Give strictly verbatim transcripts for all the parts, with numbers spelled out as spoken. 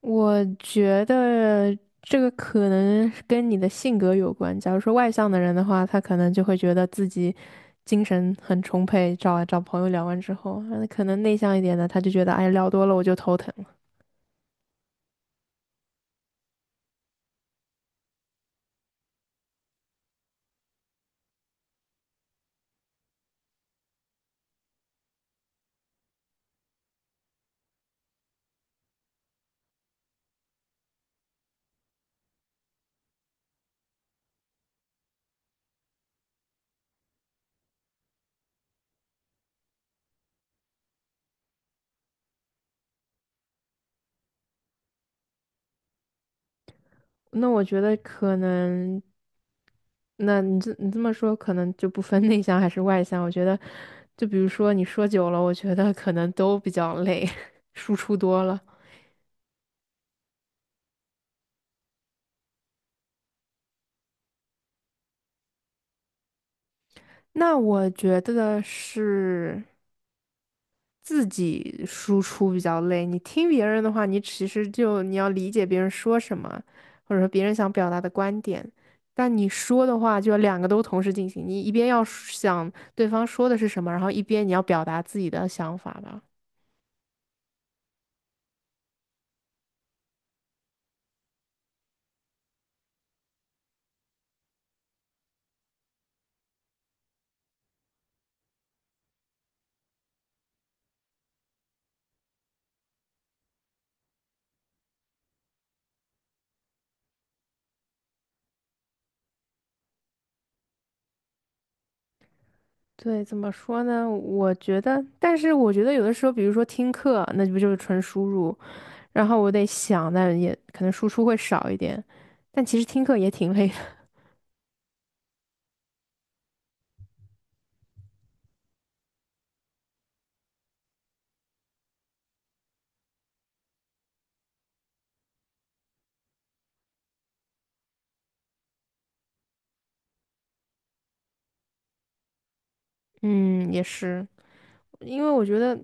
我觉得这个可能是跟你的性格有关。假如说外向的人的话，他可能就会觉得自己精神很充沛，找啊找朋友聊完之后，那可能内向一点的，他就觉得哎聊多了我就头疼了。那我觉得可能，那你这你这么说，可能就不分 内向还是外向。我觉得，就比如说你说久了，我觉得可能都比较累，输出多了。那我觉得是。自己输出比较累，你听别人的话，你其实就你要理解别人说什么，或者说别人想表达的观点。但你说的话就要两个都同时进行，你一边要想对方说的是什么，然后一边你要表达自己的想法吧。对，怎么说呢？我觉得，但是我觉得有的时候，比如说听课，那不就是纯输入，然后我得想，但也可能输出会少一点，但其实听课也挺累的。嗯，也是，因为我觉得。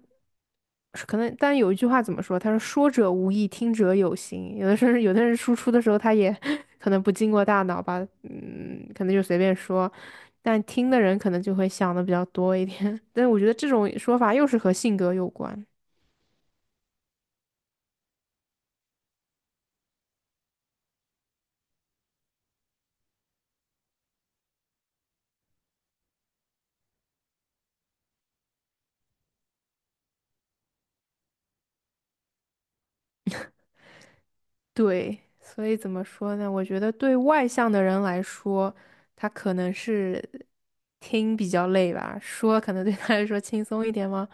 是可能，但有一句话怎么说？他说“说者无意，听者有心”。有的时候，有的人输出的时候，他也 可能不经过大脑吧，嗯，可能就随便说。但听的人可能就会想的比较多一点。但我觉得这种说法又是和性格有关。对，所以怎么说呢？我觉得对外向的人来说，他可能是听比较累吧，说可能对他来说轻松一点吗？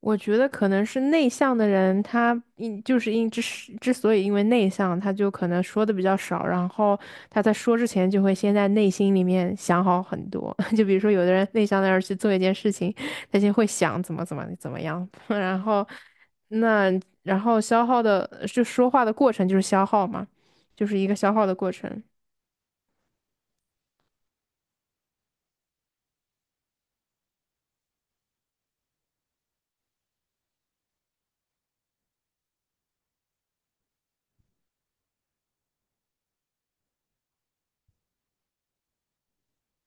我觉得可能是内向的人，他因就是因之是之所以因为内向，他就可能说的比较少，然后他在说之前就会先在内心里面想好很多。就比如说有的人内向的人去做一件事情，他先会想怎么怎么怎么样，然后那然后消耗的就说话的过程就是消耗嘛，就是一个消耗的过程。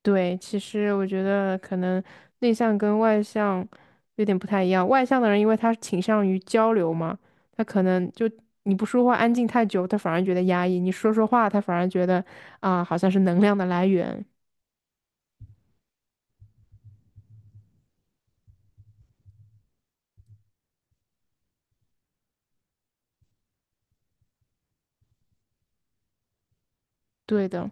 对，其实我觉得可能内向跟外向有点不太一样。外向的人，因为他倾向于交流嘛，他可能就你不说话安静太久，他反而觉得压抑；你说说话，他反而觉得啊，好像是能量的来源。对的，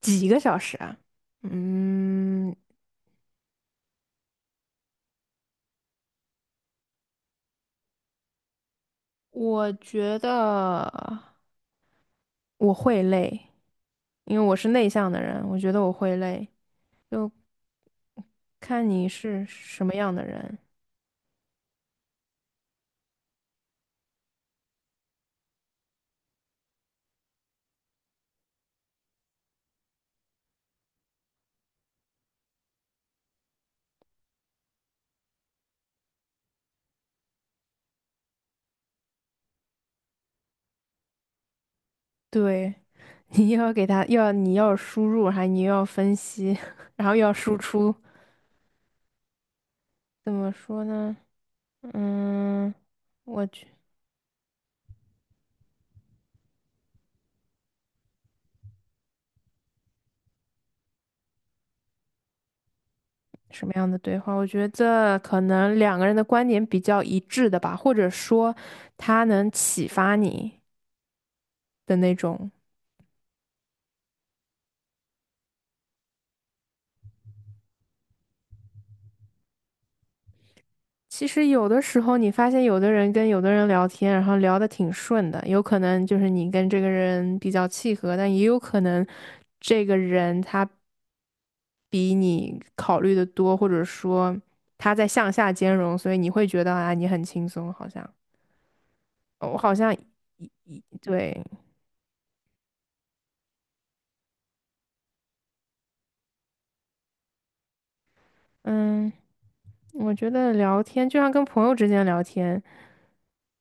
几个小时啊？嗯，我觉得我会累，因为我是内向的人，我觉得我会累，就看你是什么样的人。对，你又要给他又要你要输入，还你又要分析，然后又要输出，怎么说呢？嗯，我去什么样的对话？我觉得可能两个人的观点比较一致的吧，或者说他能启发你的那种。其实有的时候，你发现有的人跟有的人聊天，然后聊得挺顺的，有可能就是你跟这个人比较契合，但也有可能这个人他比你考虑的多，或者说他在向下兼容，所以你会觉得啊，你很轻松，好像哦我好像一一对，嗯，我觉得聊天就像跟朋友之间聊天，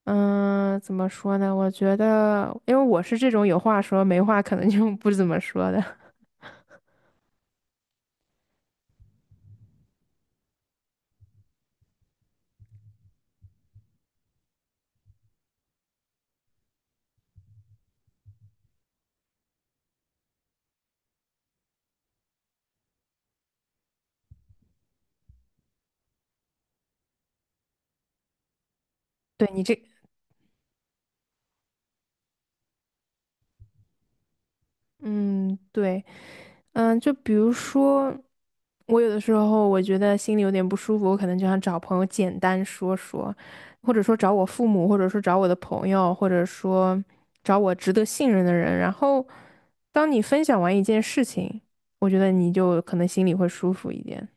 嗯，怎么说呢？我觉得，因为我是这种有话说没话可能就不怎么说的。对你这嗯，对，嗯，就比如说，我有的时候我觉得心里有点不舒服，我可能就想找朋友简单说说，或者说找我父母，或者说找我的朋友，或者说找我值得信任的人。然后，当你分享完一件事情，我觉得你就可能心里会舒服一点。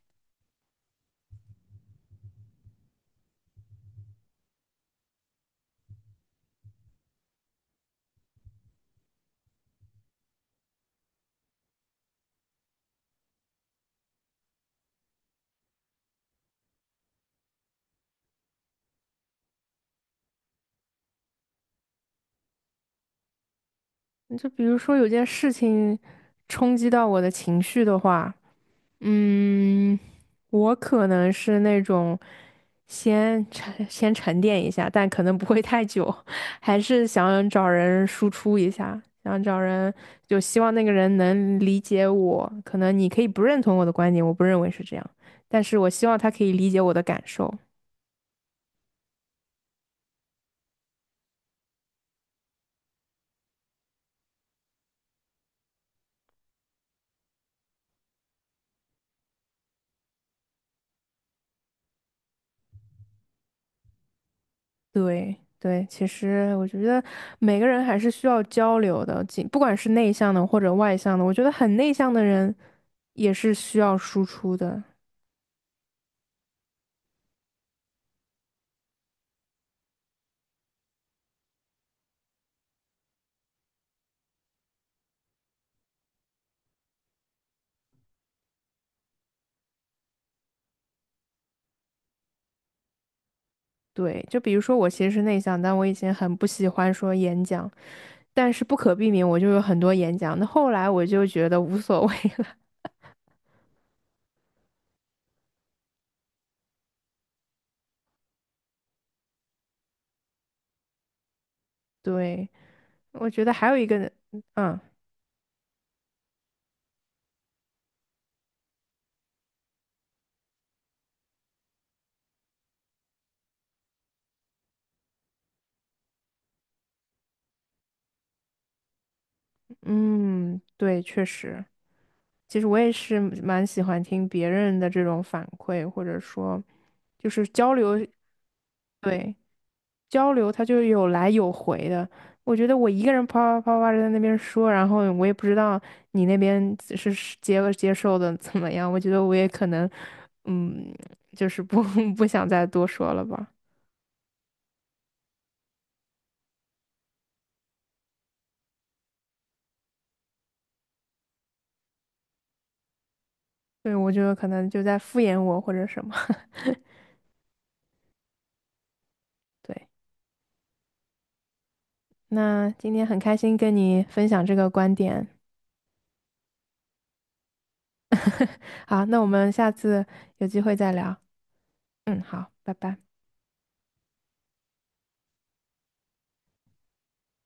就比如说有件事情冲击到我的情绪的话。嗯，我可能是那种先沉 先沉淀一下，但可能不会太久，还是想找人输出一下，想找人，就希望那个人能理解我。可能你可以不认同我的观点，我不认为是这样，但是我希望他可以理解我的感受。对对，其实我觉得每个人还是需要交流的，仅不管是内向的或者外向的，我觉得很内向的人也是需要输出的。对，就比如说我其实是内向，但我以前很不喜欢说演讲，但是不可避免我就有很多演讲。那后来我就觉得无所谓了。对，我觉得还有一个，嗯嗯，对，确实，其实我也是蛮喜欢听别人的这种反馈，或者说就是交流。对，交流，它就有来有回的。我觉得我一个人啪啪啪啪地在那边说，然后我也不知道你那边是是接接受的怎么样。我觉得我也可能，嗯，就是不 不想再多说了吧。对，我觉得可能就在敷衍我或者什么。对，那今天很开心跟你分享这个观点。好，那我们下次有机会再聊。嗯，好，拜拜。